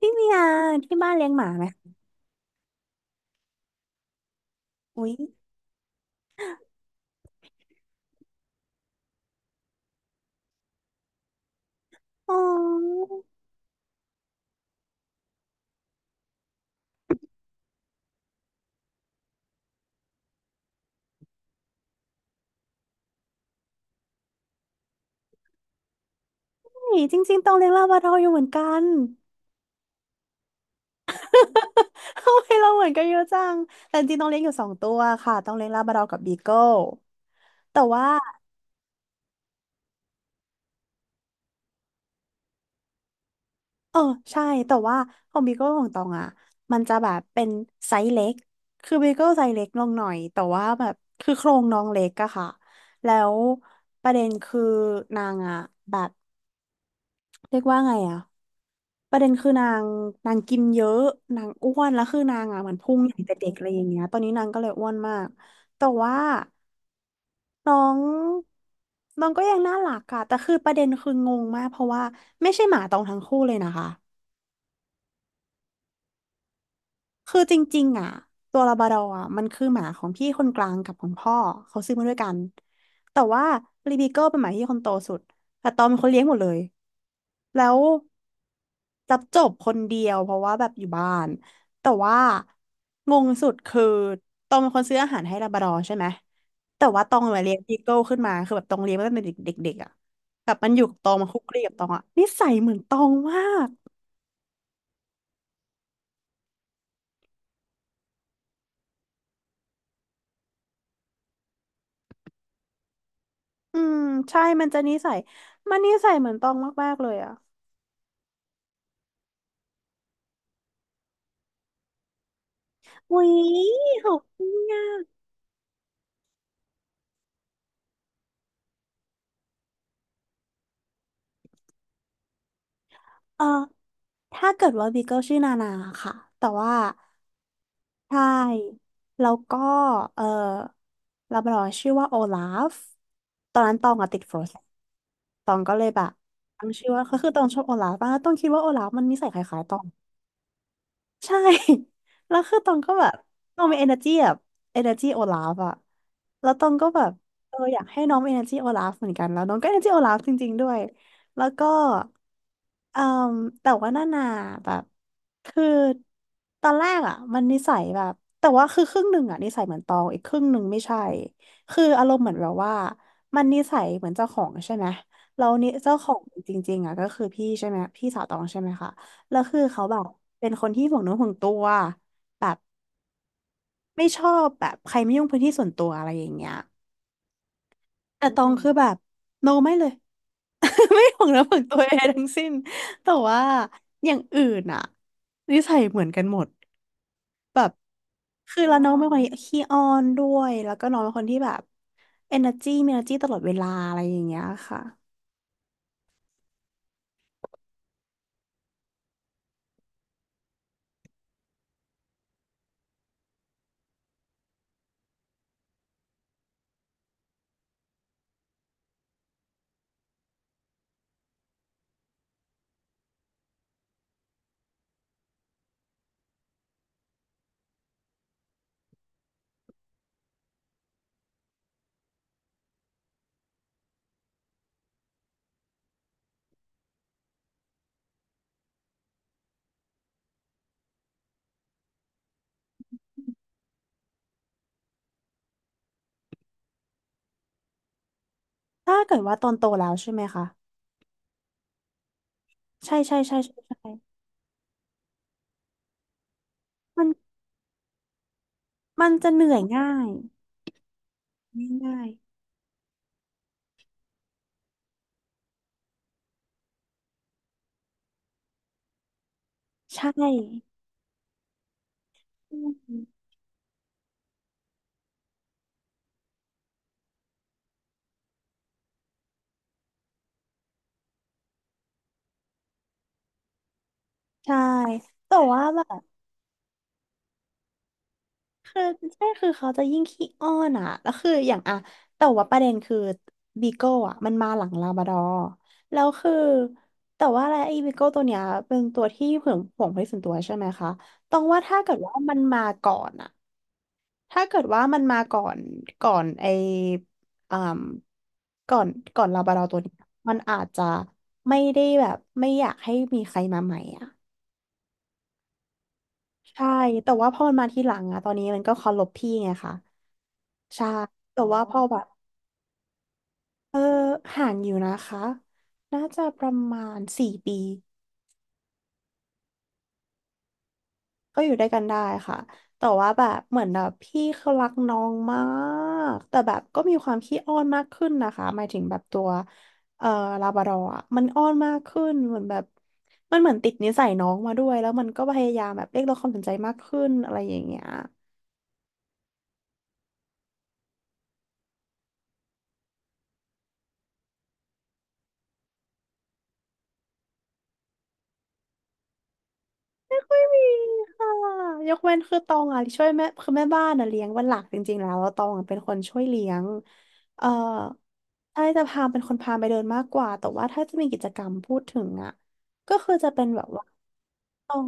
พี่เมียที่บ้านเลี้ยงหมาไหมอุ๊ยอ๋อจริงๆตองเลี้ยงลาบราดอร์อยู่เหมือนกัน ทำไมเราเหมือนกันเยอะจังแต่จริงๆต้องเลี้ยงอยู่สองตัวค่ะต้องเลี้ยงลาบราดอร์กับบีเกิลแต่ว่าเออใช่แต่ว่าของบีเกิลของตองอ่ะมันจะแบบเป็นไซส์เล็กคือบีเกิลไซส์เล็กลงหน่อยแต่ว่าแบบคือโครงน้องเล็กอะค่ะแล้วประเด็นคือนางอะแบบ เรียกว่าไงอ่ะประเด็นคือนางนางกินเยอะนางอ้วนแล้วคือนางอ่ะเหมือนพุงใหญ่แต่เด็กอะไรอย่างเงี้ยตอนนี้นางก็เลยอ้วนมากแต่ว่าน้องน้องก็ยังน่ารักอะแต่คือประเด็นคืองงมากเพราะว่าไม่ใช่หมาตองทั้งคู่เลยนะคะ คือจริงๆอ่ะตัวลาบราดอร์อ่ะมันคือหมาของพี่คนกลางกับของพ่อเขาซื้อมาด้วยกันแต่ว่ารีบีเกิลเป็นหมาที่คนโตสุดแต่ตอมเป็นคนเลี้ยงหมดเลยแล้วรับจบคนเดียวเพราะว่าแบบอยู่บ้านแต่ว่างงสุดคือตองเป็นคนซื้ออาหารให้ลาบราดอร์ใช่ไหมแต่ว่าตองมาเลี้ยงบีเกิลขึ้นมาคือแบบตองเลี้ยงมาตั้งแต่เด็กๆอ่ะแบบมันอยู่กับตองมาคุกคีกับตองอ่ะนิสัยเหมือนตองมาก อืมใช่มันจะนิสัยมันนิสัยเหมือนตองมากๆเลยอ่ะอุ๊ยขอบคุณอ่ะเออถ้าเกิดว่าบีเกิลชื่อนานาค่ะแต่ว่าใช่แล้วก็เออลาบราดอร์ชื่อว่าโอลาฟตอนนั้นตองอะติดโฟร์แลนด์ตองก็เลยแบบตั้งชื่อว่าก็คือตองชอบโอลาฟมากตองคิดว่าโอลาฟมันนิสัยคล้ายๆตอง ใช่ แล้วคือตองก็แบบตองมี energy แบบ energy โอลาฟอะแล้วตองก็แบบเอออยากให้น้องมี energy โอลาฟเหมือนกันแล้วน้องก็ energy โอลาฟจริงๆด้วยแล้วก็เอ่อแต่ว่านานาแบบคือตอนแรกอะมันนิสัยแบบแต่ว่าคือครึ่งหนึ่งอะนิสัยเหมือนตองอีกครึ่งหนึ่งไม่ใช่คืออารมณ์เหมือนแบบว่ามันนิสัยเหมือนเจ้าของใช่ไหมแล้วนี่เจ้าของจริงๆอะก็คือพี่ใช่ไหมพี่สาวตองใช่ไหมคะ แล้วคือเขาแบบเป็นคนที่ห่วงเนื้อห่วงตัวแบบไม่ชอบแบบใครไม่ยุ่งพื้นที่ส่วนตัวอะไรอย่างเงี้ยแต่ตองคือแบบโนไม่เลย ไม่ห่วงเนื้อห่วงตัวใดทั้งสิ้นแต่ว่าอย่างอื่นอะนิสัยเหมือนกันหมดแบบคือแล้วน้องเป็นคนขี้อ้อนด้วยแล้วก็น้องเป็นคนที่แบบเอเนอร์จีมีเออร์จีตลอดเวลาอะไรอย่างเงี้ยค่ะถ้าเกิดว่าตอนโตแล้วใช่ไหมคะใช่ใช่ใช่ใช่ใช่มันมันจะเหนื่อยง่ายง่ายใช่ อืมใช่แต่ว่าแบบคือใช่คือเขาจะยิ่งขี้อ้อนอ่ะแล้วคืออย่างอ่ะแต่ว่าประเด็นคือบีโก้อ่ะมันมาหลังลาบราดอร์แล้วคือแต่ว่าอะไรไอ้บีโก้ตัวเนี้ยเป็นตัวที่ห่วงห่วงที่สวนตัวใช่ไหมคะต้องว่าถ้าเกิดว่ามันมาก่อนอ่ะถ้าเกิดว่ามันมาก่อนก่อนไอ้อ่าก่อนก่อนลาบราดอร์ตัวเนี้ยมันอาจจะไม่ได้แบบไม่อยากให้มีใครมาใหม่อ่ะ ใช่ แต่ว่าพอมันมาทีหลังอะตอนนี้มันก็เคารพพี่ไงคะใช่แต่ว่าพอแบบเออห่างอยู่นะคะน่าจะประมาณ4 ปี ก็อยู่ด้วยกันได้ค่ะ แต่ว่าแบบ เหมือนแบบพี่เขารักน้องมาก แต่แบบก็มีความขี้อ้อนมากขึ้นนะคะหมายถึงแบบตัวเอ่อลาบราดอร์อะมันอ้อนมากขึ้นเหมือนแบบมันเหมือนติดนิสัยน้องมาด้วย แล้วมันก็พยายามแบบเรียกร้องความสนใจมากขึ้นอะไรอย่างเงี้ย ค่ะยกเว้นคือตองอ่ะช่วยแม่คือแม่บ้านอ่ะเลี้ยงวันหลักจริงๆแล้วแล้วตองอะเป็นคนช่วยเลี้ยงเอ่อไอ้จะพาเป็นคนพาไปเดินมากกว่า แต่ว่าถ้าจะมีกิจกรรมพูดถึงอ่ะก็คือจะเป็นแบบว่าตอง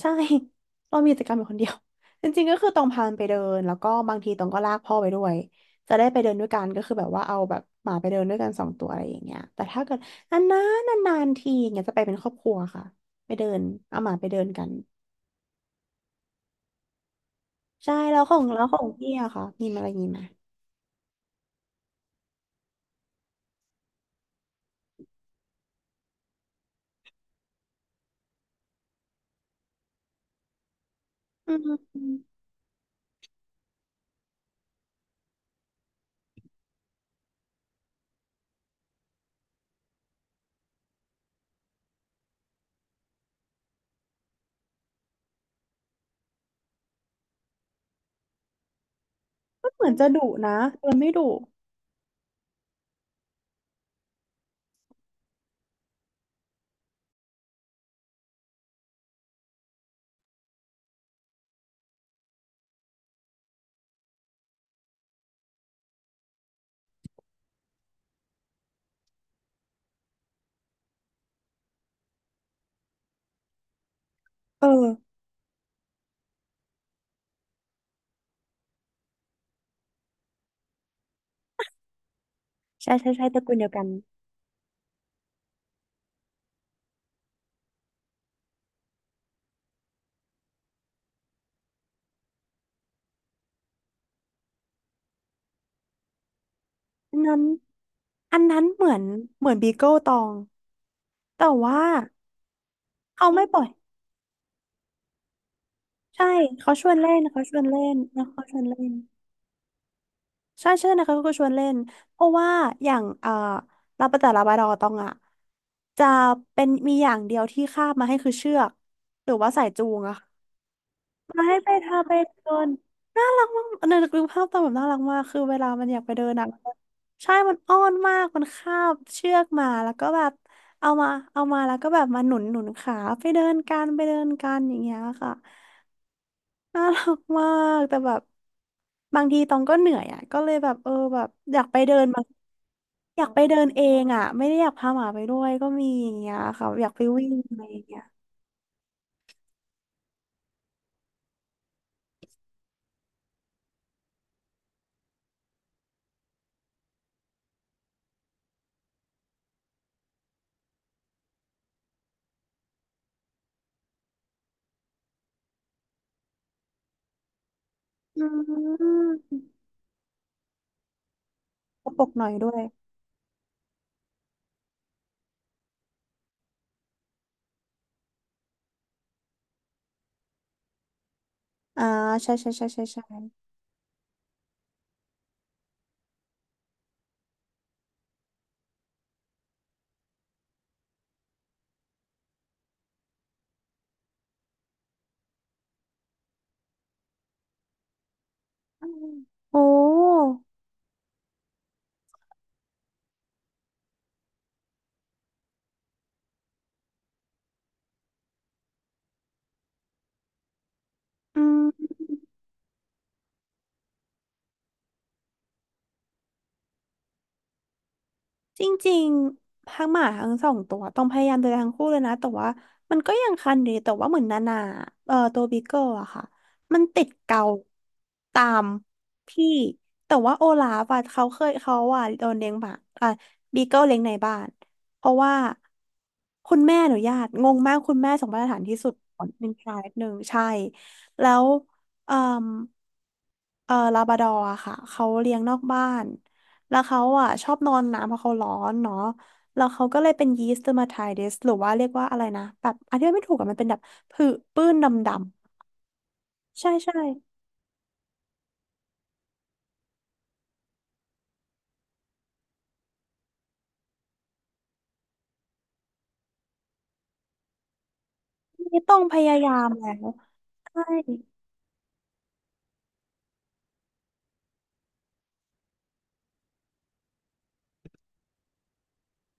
ใช่ ตองมีกิจกรรมอยู่คนเดียว จริงๆก็คือตองพามันไปเดินแล้วก็บางทีตองก็ลากพ่อไปด้วย จะได้ไปเดินด้วยกันก็คือแบบว่าเอาแบบหมาไปเดินด้วยกันสองตัวอะไรอย่างเงี้ยแต่ถ้าเกิดนานๆนานๆทีอย่างเงี้ยจะไปเป็นครอบครัวค่ะไปเดินเอาหมาไปเดินกัน ใช่แล้วของแล้วของพี่อะค่ะมีอะไรนี้ไหมอืมก็เหมือนจะดุนะแต่ไม่ดุเออใช่ใช่ใช่ตระกูลเดียวกันอันนั้นอันนั้นเหมือนเหมือนบีเกิลตองแต่ว่าเขาไม่ปล่อยใช่เขาชวนเล่นเขาชวนเล่นนะเขาชวนเล่นใช่ใช่นะคะเขาก็ชวนเล่นเพราะว่าอย่างลาปะแต่ลาบราดอร์ตองอะจะเป็นมีอย่างเดียวที่คาบมาให้คือเชือกหรือว่าสายจูงอะะ มาให้ไปทาไปเดินน่ารักมากเนยนึกดูภาพตอนแบบน่ารักมากคือเวลามันอยากไปเดินนะใช่มันอ้อนมากมันคาบเชือกมาแล้วก็แบบเอามาเอามาแล้วก็แบบมาหนุนหนุนขาไปเดินกันไปเดินกันอย่างเงี้ยค่ะน่ารักมากแต่แบบบางทีตองก็เหนื่อยอ่ะก็เลยแบบเออแบบอยากไปเดินมางอยากไปเดินเองอ่ะไม่ได้อยากพาหมาไปด้วยก็มีอย่างเงี้ยค่ะอยากไปวิ่งอะไรอย่างเงี้ยอืมกระปรกหน่อยด้วยอ่าใช่ใช่ใช่ใช่ใช่ โอ้อืม จริงๆทั้งหมาทั้งสองตัวต้องพยายามดูแลทั้งคู่เลยนะแต่ว่ามันก็ยังคัน่ดีแต่ว่าเหมือนนานาตัวบิกเกิลอะค่ะมันติดเกาตามพี่แต่ว่าโอลาฟอะเขาเคยเขาอะโดนเลี้ยงหมาอ่ะบิกเกิลเลี้ยงในบ้านเพราะว่าคุณแม่อนุญาตงงมากคุณแม่ส่งมาตรฐานที่สุดของเป็นงชายหนึ่งใช่แล้วเอ่อลาบราดอร์อะค่ะเขาเลี้ยงนอกบ้าน แล้วเขาอ่ะชอบนอนน้ำเพราะเขาร้อนเนาะแล้วเขาก็เลยเป็นยีสต์เดอร์มาไทติสหรือว่าเรียกว่าอะไรนะแบบอธิบายไม่ถูกอะมันเป็นแบบผื่นปื้นดำๆใช่ใช่นี่ต้องพยายามแล้วใช่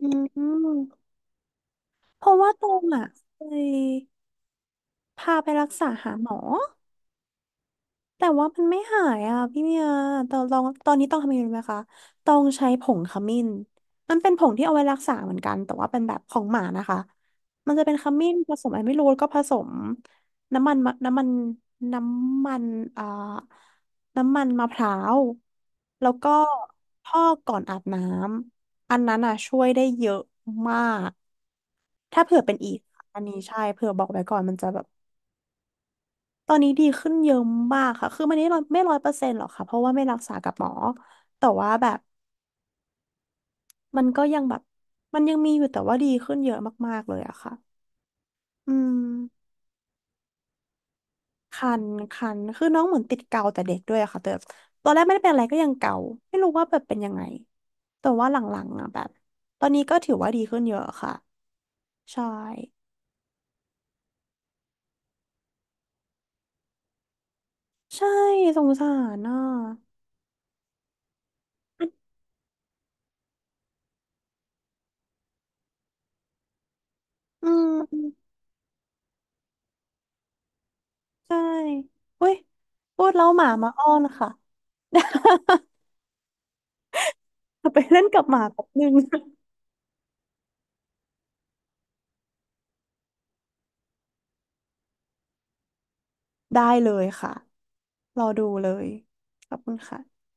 อืมเพราะว่าตรงอ่ะเคยพาไปรักษาหาหมอ แต่ว่ามันไม่หายอ่ะพี่เมียตอนลองตอนนี้ต้องทำยังไงรู้ไหมคะต้องใช้ผงขมิ้นมันเป็นผงที่เอาไว้รักษาเหมือนกันแต่ว่าเป็นแบบของหมานะคะมันจะเป็นขมิ้นผสมอะไรไม่รู้แล้วก็ผสมน้ำมันมะน้ำมันน้ำมันอ่าน้ำมันมะพร้าวแล้วก็พอกก่อนอาบน้ำอันนั้นอ่ะช่วยได้เยอะมากถ้าเผื่อเป็นอีกอันนี้ใช่เผื่อบอกไว้ก่อนมันจะแบบ ตอนนี้ดีขึ้นเยอะมากค่ะคือมันไม่ร้อยเปอร์เซ็นต์หรอกค่ะเพราะว่าไม่รักษากับหมอแต่ว่าแบบมันก็ยังแบบมันยังมีอยู่แต่ว่าดีขึ้นเยอะมากๆเลยอะค่ะอืมคันคันคือน้องเหมือนติดเกาแต่เด็กด้วยอะค่ะแต่ตอนแรกไม่ได้เป็นอะไรก็ยังเกาไม่รู้ว่าแบบเป็นยังไงแต่ว่าหลังๆอะแบบตอนนี้ก็ถือว่าดีขึ้นเยอะค่ะ ใช่ใช่สงสารอ่ะอืมใช่เฮ้ยพูดแล้วหมามาอ้อนค่ะ ไปเล่นกับหมาแป๊บนึง ได้เลยค่ะรอดูเลยขอบคุณค่ะ